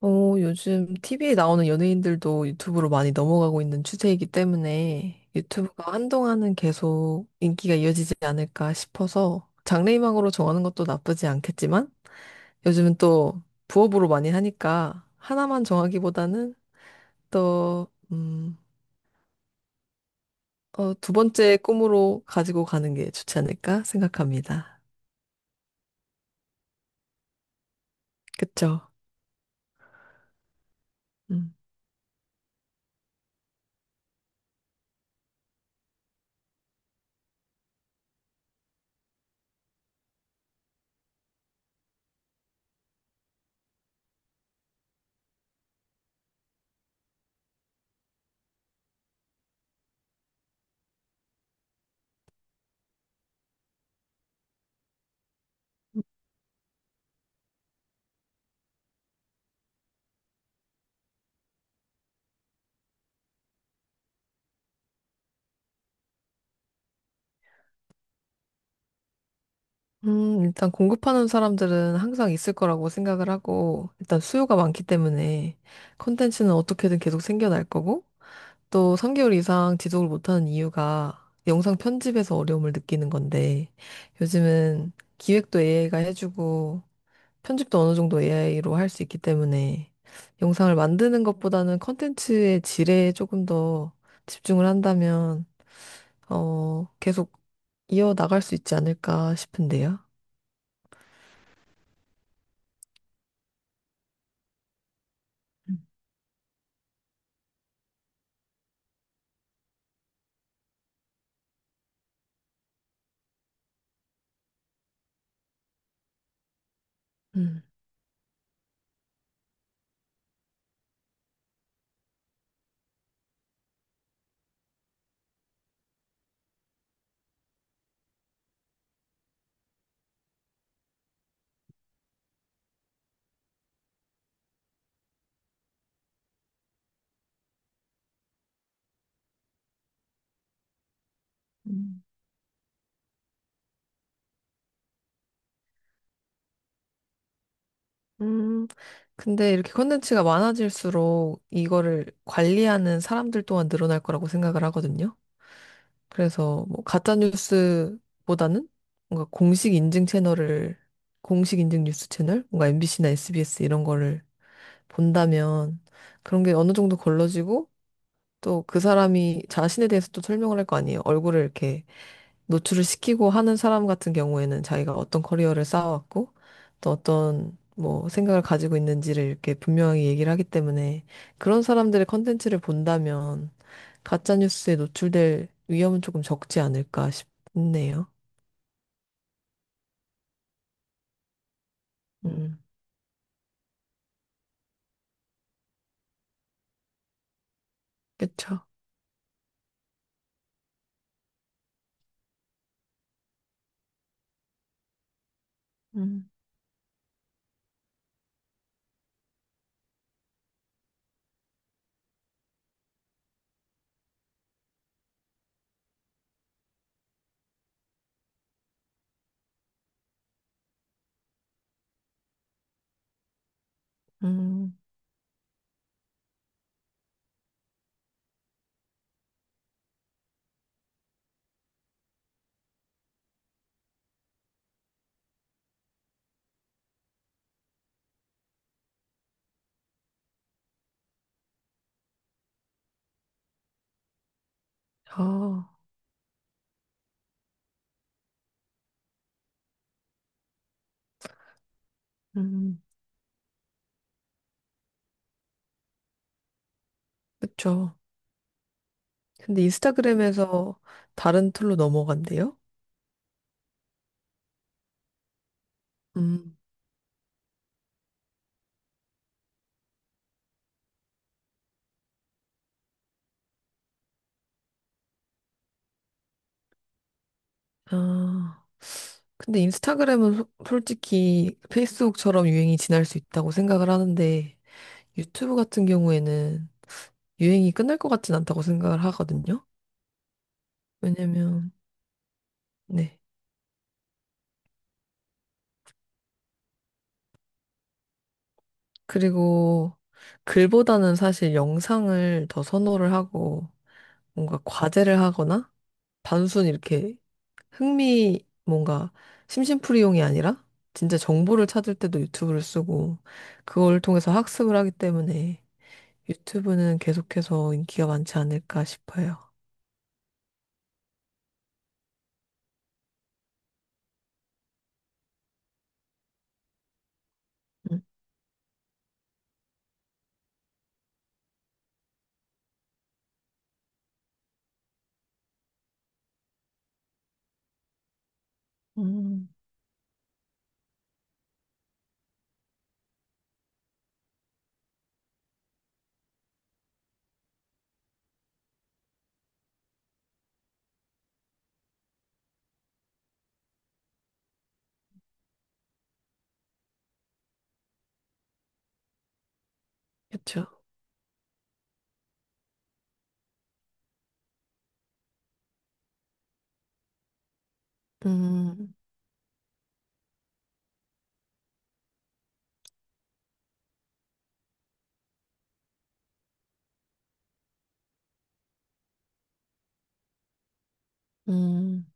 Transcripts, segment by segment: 요즘 TV에 나오는 연예인들도 유튜브로 많이 넘어가고 있는 추세이기 때문에 유튜브가 한동안은 계속 인기가 이어지지 않을까 싶어서 장래희망으로 정하는 것도 나쁘지 않겠지만 요즘은 또 부업으로 많이 하니까 하나만 정하기보다는 또, 두 번째 꿈으로 가지고 가는 게 좋지 않을까 생각합니다. 그쵸? 음. 일단 공급하는 사람들은 항상 있을 거라고 생각을 하고, 일단 수요가 많기 때문에 컨텐츠는 어떻게든 계속 생겨날 거고, 또 3개월 이상 지속을 못하는 이유가 영상 편집에서 어려움을 느끼는 건데, 요즘은 기획도 AI가 해주고, 편집도 어느 정도 AI로 할 수 있기 때문에 영상을 만드는 것보다는 컨텐츠의 질에 조금 더 집중을 한다면, 계속 이어나갈 수 있지 않을까 싶은데요. 음. 음. 음, 근데 이렇게 콘텐츠가 많아질수록 이거를 관리하는 사람들 또한 늘어날 거라고 생각을 하거든요. 그래서 뭐 가짜 뉴스보다는 뭔가 공식 인증 채널을 공식 인증 뉴스 채널, 뭔가 MBC나 SBS 이런 거를 본다면 그런 게 어느 정도 걸러지고 또 그 사람이 자신에 대해서 또 설명을 할 거 아니에요. 얼굴을 이렇게 노출을 시키고 하는 사람 같은 경우에는 자기가 어떤 커리어를 쌓아왔고 또 어떤 뭐 생각을 가지고 있는지를 이렇게 분명히 얘기를 하기 때문에 그런 사람들의 컨텐츠를 본다면 가짜 뉴스에 노출될 위험은 조금 적지 않을까 싶네요. 음, 그쵸. 음, 음, 아, 음. 그쵸. 근데 인스타그램에서 다른 툴로 넘어간대요? 음. 아, 근데 인스타그램은 솔직히 페이스북처럼 유행이 지날 수 있다고 생각을 하는데 유튜브 같은 경우에는 유행이 끝날 것 같진 않다고 생각을 하거든요. 왜냐면, 네. 그리고 글보다는 사실 영상을 더 선호를 하고 뭔가 과제를 하거나 단순 이렇게 흥미 뭔가 심심풀이용이 아니라 진짜 정보를 찾을 때도 유튜브를 쓰고 그걸 통해서 학습을 하기 때문에 유튜브는 계속해서 인기가 많지 않을까 싶어요. 음, 음, 그쵸. 음, 음.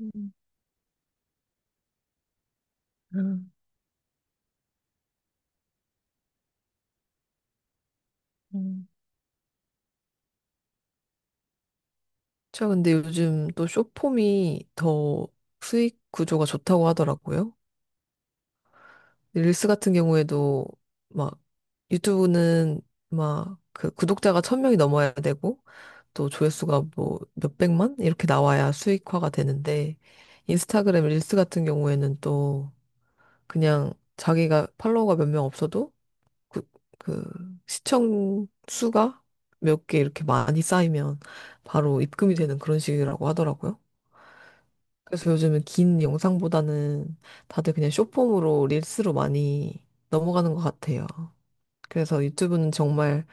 음, 음, 음. 저 근데 요즘 또 숏폼이 더 수익 구조가 좋다고 하더라고요. 릴스 같은 경우에도 막 유튜브는 막 그 구독자가 천 명이 넘어야 되고 또 조회수가 뭐 몇백만 이렇게 나와야 수익화가 되는데 인스타그램 릴스 같은 경우에는 또 그냥 자기가 팔로워가 몇 명 없어도 그, 그 시청 수가 몇 개 이렇게 많이 쌓이면 바로 입금이 되는 그런 식이라고 하더라고요. 그래서 요즘은 긴 영상보다는 다들 그냥 숏폼으로 릴스로 많이 넘어가는 것 같아요. 그래서 유튜브는 정말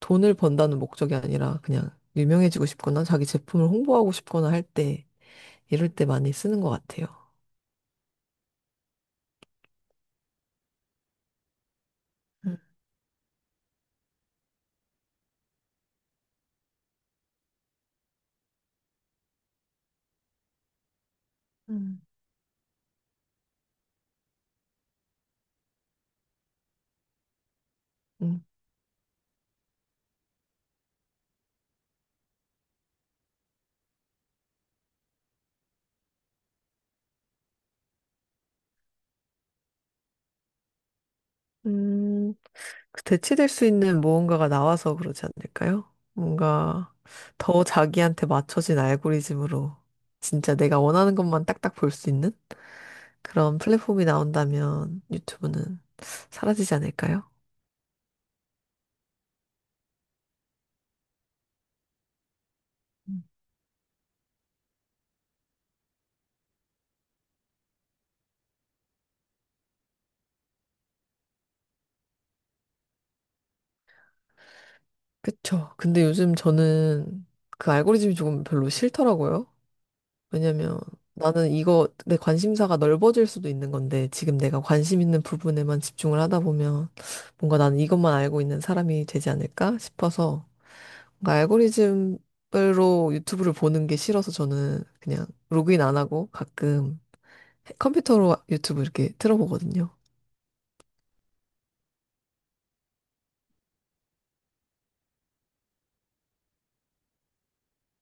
돈을 번다는 목적이 아니라 그냥 유명해지고 싶거나 자기 제품을 홍보하고 싶거나 할 때, 이럴 때 많이 쓰는 것 같아요. 음. 음. 음. 대체될 수 있는 무언가가 나와서 그러지 않을까요? 뭔가 더 자기한테 맞춰진 알고리즘으로 진짜 내가 원하는 것만 딱딱 볼 수 있는 그런 플랫폼이 나온다면 유튜브는 사라지지 않을까요? 그쵸. 근데 요즘 저는 그 알고리즘이 조금 별로 싫더라고요. 왜냐면 나는 이거 내 관심사가 넓어질 수도 있는 건데 지금 내가 관심 있는 부분에만 집중을 하다 보면 뭔가 나는 이것만 알고 있는 사람이 되지 않을까 싶어서 뭔가 알고리즘으로 유튜브를 보는 게 싫어서 저는 그냥 로그인 안 하고 가끔 컴퓨터로 유튜브 이렇게 틀어보거든요.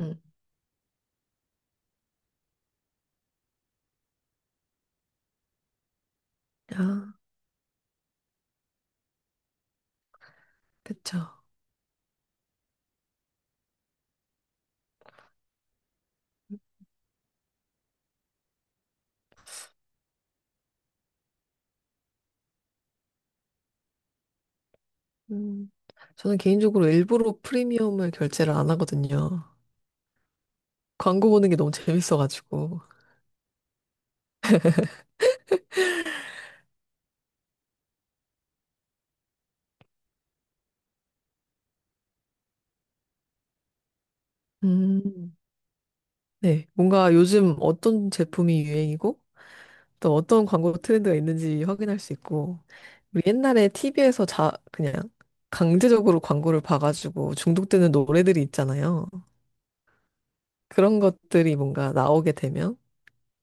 음. 아, 그쵸. 음. 저는 개인적으로 일부러 프리미엄을 결제를 안 하거든요. 광고 보는 게 너무 재밌어가지고. 음. 네, 뭔가 요즘 어떤 제품이 유행이고 또 어떤 광고 트렌드가 있는지 확인할 수 있고 우리 옛날에 TV에서 자 그냥 강제적으로 광고를 봐가지고 중독되는 노래들이 있잖아요. 그런 것들이 뭔가 나오게 되면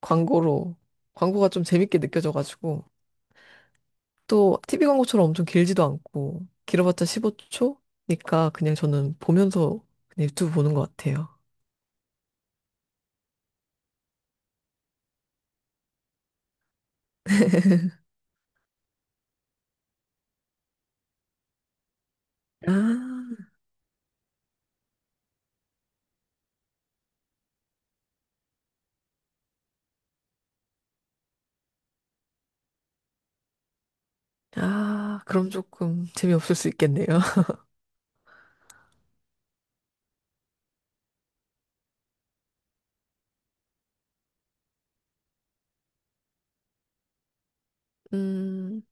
광고로 광고가 좀 재밌게 느껴져가지고 또 TV 광고처럼 엄청 길지도 않고 길어봤자 15초니까 그냥 저는 보면서 그냥 유튜브 보는 것 같아요. 아, 아, 그럼 조금 재미없을 수 있겠네요. 음.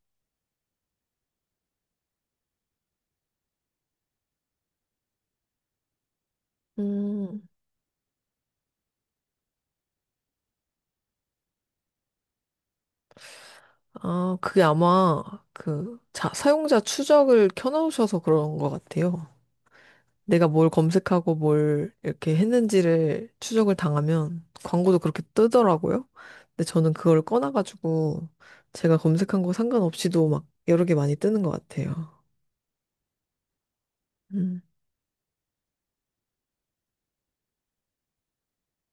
음, 그게 아마 그 사용자 추적을 켜놓으셔서 그런 것 같아요. 내가 뭘 검색하고 뭘 이렇게 했는지를 추적을 당하면 광고도 그렇게 뜨더라고요. 근데 저는 그걸 꺼놔가지고 제가 검색한 거 상관없이도 막 여러 개 많이 뜨는 것 같아요. 음,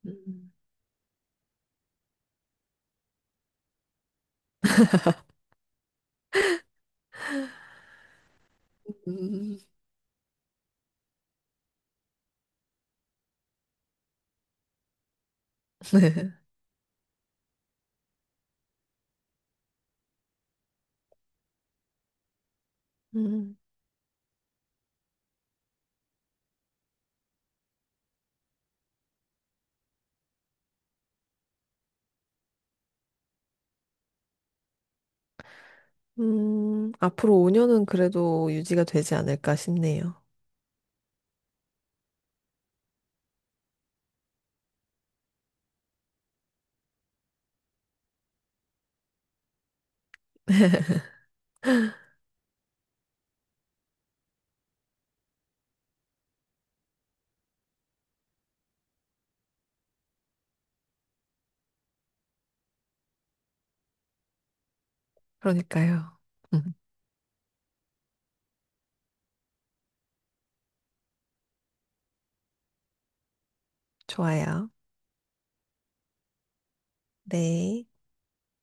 음. 음, 네. 음, 앞으로 5년은 그래도 유지가 되지 않을까 싶네요. 그러니까요. 좋아요. 네.